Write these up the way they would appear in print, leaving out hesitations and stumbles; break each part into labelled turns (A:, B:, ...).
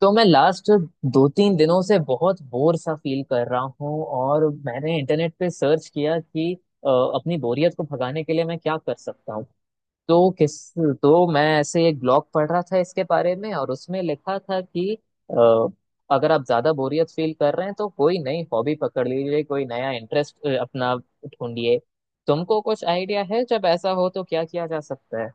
A: तो मैं लास्ट दो तीन दिनों से बहुत बोर सा फील कर रहा हूँ और मैंने इंटरनेट पे सर्च किया कि अपनी बोरियत को भगाने के लिए मैं क्या कर सकता हूँ। तो किस तो मैं ऐसे एक ब्लॉग पढ़ रहा था इसके बारे में और उसमें लिखा था कि अ, अगर आप ज्यादा बोरियत फील कर रहे हैं तो कोई नई हॉबी पकड़ लीजिए, कोई नया इंटरेस्ट अपना ढूंढिए। तुमको कुछ आइडिया है जब ऐसा हो तो क्या किया जा सकता है?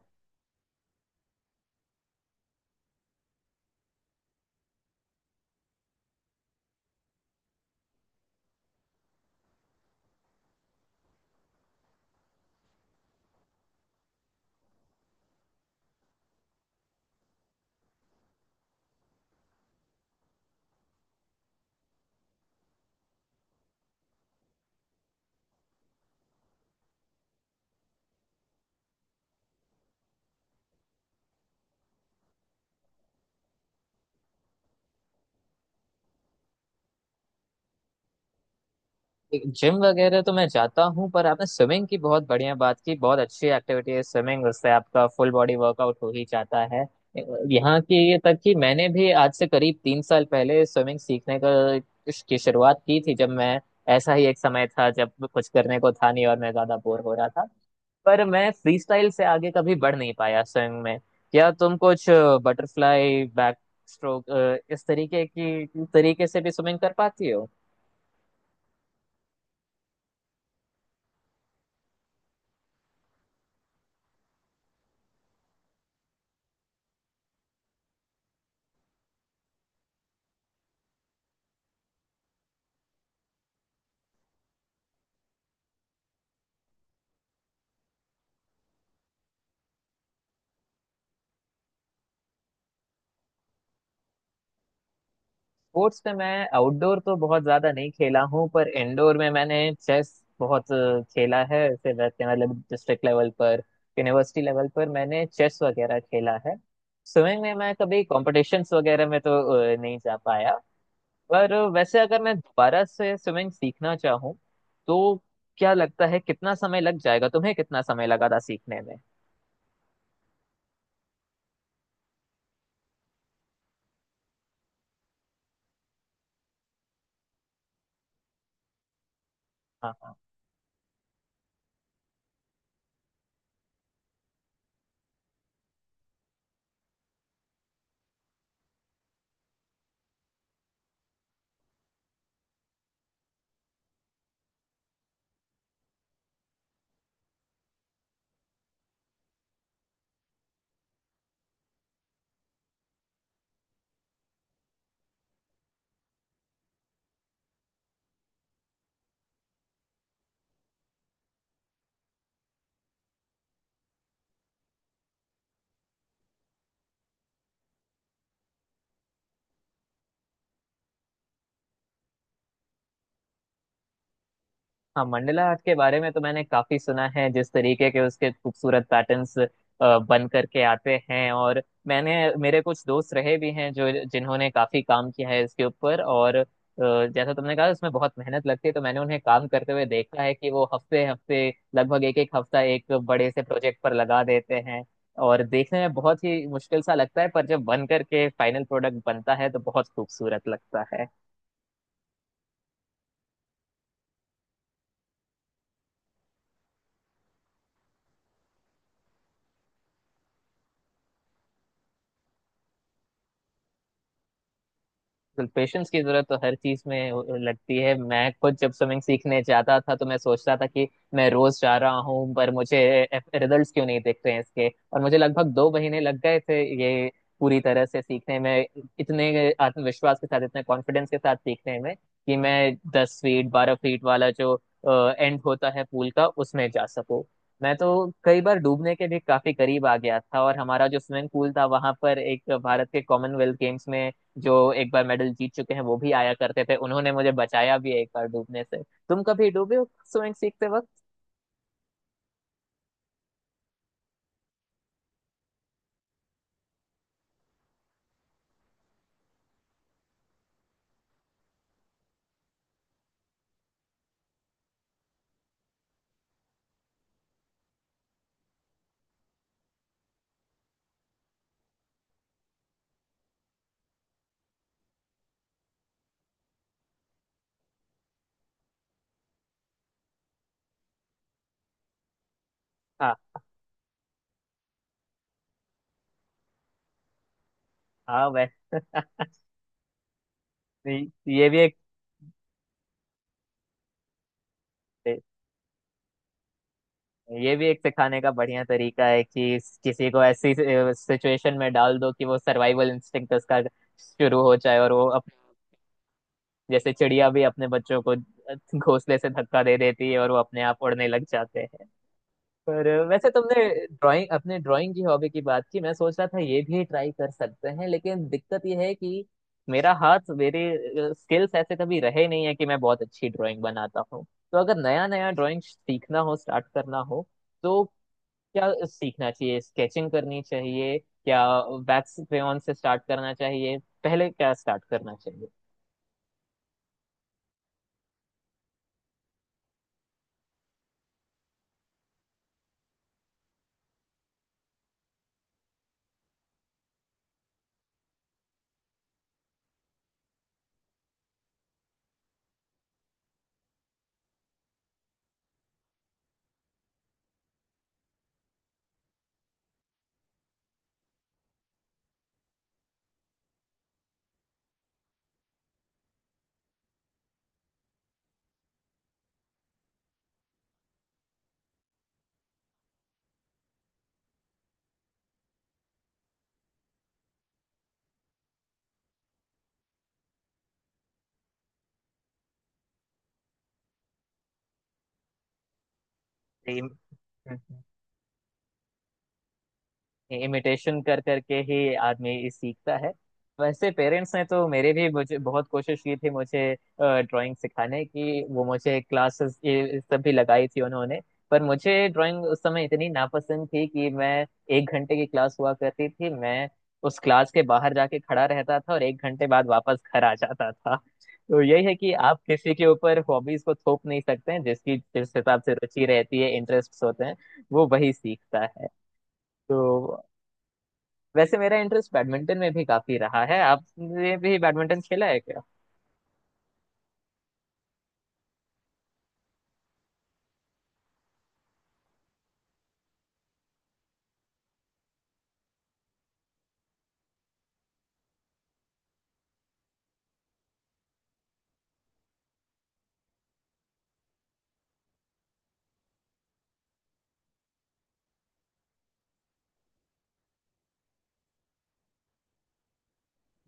A: जिम वगैरह तो मैं जाता हूँ पर आपने स्विमिंग की बहुत बढ़िया बात की। बहुत अच्छी एक्टिविटी है स्विमिंग, उससे आपका फुल बॉडी वर्कआउट हो ही जाता है। यहाँ की तक कि मैंने भी आज से करीब 3 साल पहले स्विमिंग सीखने का की शुरुआत की थी, जब मैं ऐसा ही एक समय था जब कुछ करने को था नहीं और मैं ज्यादा बोर हो रहा था। पर मैं फ्री स्टाइल से आगे कभी बढ़ नहीं पाया स्विमिंग में। क्या तुम कुछ बटरफ्लाई, बैक स्ट्रोक, इस तरीके की तरीके से भी स्विमिंग कर पाती हो? स्पोर्ट्स में मैं आउटडोर तो बहुत ज्यादा नहीं खेला हूँ पर इंडोर में मैंने चेस बहुत खेला है, ऐसे वैसे मतलब डिस्ट्रिक्ट लेवल पर, यूनिवर्सिटी लेवल पर मैंने चेस वगैरह खेला है। स्विमिंग में मैं कभी कॉम्पिटिशन्स वगैरह में तो नहीं जा पाया। पर वैसे अगर मैं दोबारा से स्विमिंग सीखना चाहूँ तो क्या लगता है कितना समय लग जाएगा, तुम्हें कितना समय लगा था सीखने में? हाँ हाँ। हाँ, मंडला आर्ट के बारे में तो मैंने काफी सुना है, जिस तरीके के उसके खूबसूरत पैटर्न्स बन करके आते हैं। और मैंने मेरे कुछ दोस्त रहे भी हैं जो जिन्होंने काफी काम किया है इसके ऊपर, और जैसा तुमने कहा उसमें बहुत मेहनत लगती है। तो मैंने उन्हें काम करते हुए देखा है कि वो हफ्ते हफ्ते, लगभग एक एक हफ्ता एक बड़े से प्रोजेक्ट पर लगा देते हैं। और देखने में बहुत ही मुश्किल सा लगता है पर जब बन करके फाइनल प्रोडक्ट बनता है तो बहुत खूबसूरत लगता है। पेशेंस की जरूरत तो हर चीज में लगती है। मैं खुद जब स्विमिंग सीखने जाता था तो मैं सोचता था कि मैं रोज जा रहा हूँ पर मुझे रिजल्ट्स क्यों नहीं दिख रहे हैं इसके, और मुझे लगभग 2 महीने लग गए थे ये पूरी तरह से सीखने में, इतने आत्मविश्वास के साथ इतने कॉन्फिडेंस के साथ सीखने में कि मैं 10 फीट 12 फीट वाला जो एंड होता है पूल का, उसमें जा सकूं। मैं तो कई बार डूबने के भी काफी करीब आ गया था, और हमारा जो स्विमिंग पूल था वहां पर एक भारत के कॉमनवेल्थ गेम्स में जो एक बार मेडल जीत चुके हैं वो भी आया करते थे। उन्होंने मुझे बचाया भी है एक बार डूबने से। तुम कभी डूबे हो स्विमिंग सीखते वक्त? हाँ हाँ। वैसे ये भी एक ये भी एक सिखाने का बढ़िया तरीका है कि किसी को ऐसी सिचुएशन में डाल दो कि वो सर्वाइवल इंस्टिंक्ट उसका शुरू हो जाए, और वो जैसे चिड़िया भी अपने बच्चों को घोंसले से धक्का दे देती है और वो अपने आप उड़ने लग जाते हैं। पर वैसे तुमने ड्राइंग अपने ड्राइंग की हॉबी की बात की, मैं सोच रहा था ये भी ट्राई कर सकते हैं। लेकिन दिक्कत ये है कि मेरा हाथ मेरे स्किल्स ऐसे कभी रहे नहीं है कि मैं बहुत अच्छी ड्राइंग बनाता हूँ। तो अगर नया नया ड्राइंग सीखना हो, स्टार्ट करना हो तो क्या सीखना चाहिए? स्केचिंग करनी चाहिए क्या? वैक्स क्रेयॉन से स्टार्ट करना चाहिए? पहले क्या स्टार्ट करना चाहिए? इमिटेशन कर करके ही आदमी सीखता है। वैसे पेरेंट्स ने तो मेरे भी मुझे बहुत कोशिश की थी मुझे ड्राइंग सिखाने की, वो मुझे क्लासेस ये सब भी लगाई थी उन्होंने। पर मुझे ड्राइंग उस समय इतनी नापसंद थी कि मैं, 1 घंटे की क्लास हुआ करती थी, मैं उस क्लास के बाहर जाके खड़ा रहता था और 1 घंटे बाद वापस घर आ जाता था। तो यही है कि आप किसी के ऊपर हॉबीज को थोप नहीं सकते हैं, जिस हिसाब से रुचि रहती है इंटरेस्ट होते हैं वो वही सीखता है। तो वैसे मेरा इंटरेस्ट बैडमिंटन में भी काफी रहा है, आपने भी बैडमिंटन खेला है क्या?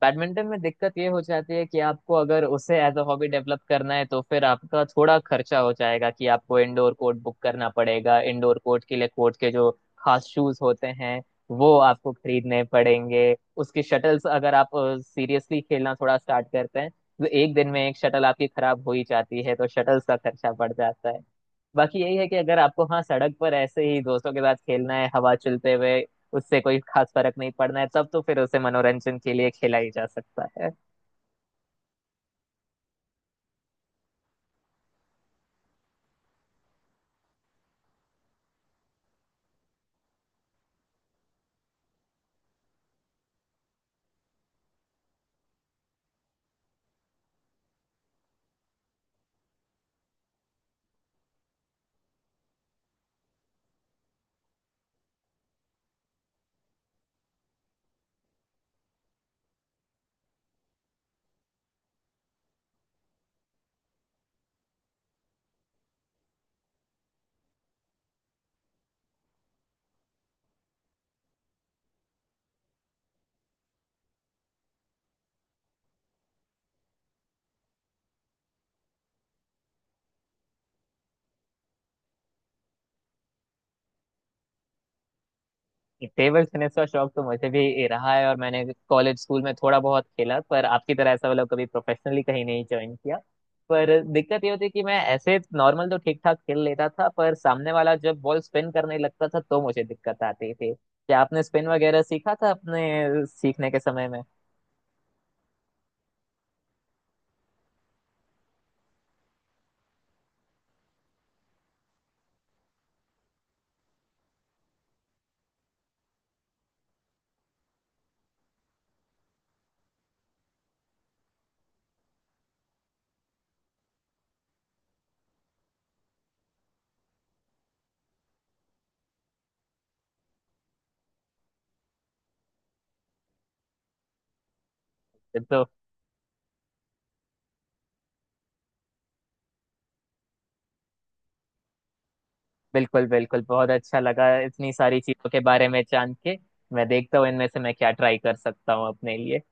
A: बैडमिंटन में दिक्कत ये हो जाती है कि आपको अगर उसे एज अ हॉबी डेवलप करना है तो फिर आपका थोड़ा खर्चा हो जाएगा कि आपको इंडोर कोर्ट बुक करना पड़ेगा, इंडोर कोर्ट के लिए कोर्ट के जो खास शूज होते हैं वो आपको खरीदने पड़ेंगे। उसकी शटल्स, अगर आप सीरियसली खेलना थोड़ा स्टार्ट करते हैं तो एक दिन में एक शटल आपकी खराब हो ही जाती है, तो शटल्स का खर्चा बढ़ जाता है। बाकी यही है कि अगर आपको, हाँ, सड़क पर ऐसे ही दोस्तों के साथ खेलना है हवा चलते हुए, उससे कोई खास फर्क नहीं पड़ना है, तब तो फिर उसे मनोरंजन के लिए खेला ही जा सकता है। टेबल टेनिस का शौक तो मुझे भी रहा है, और मैंने कॉलेज स्कूल में थोड़ा बहुत खेला, पर आपकी तरह ऐसा वाला कभी प्रोफेशनली कहीं नहीं ज्वाइन किया। पर दिक्कत ये होती कि मैं ऐसे नॉर्मल तो ठीक ठाक खेल लेता था पर सामने वाला जब बॉल स्पिन करने लगता था तो मुझे दिक्कत आती थी। क्या आपने स्पिन वगैरह सीखा था अपने सीखने के समय में? बिल्कुल बिल्कुल, बहुत अच्छा लगा इतनी सारी चीजों के बारे में जान के। मैं देखता हूँ इनमें से मैं क्या ट्राई कर सकता हूँ अपने लिए।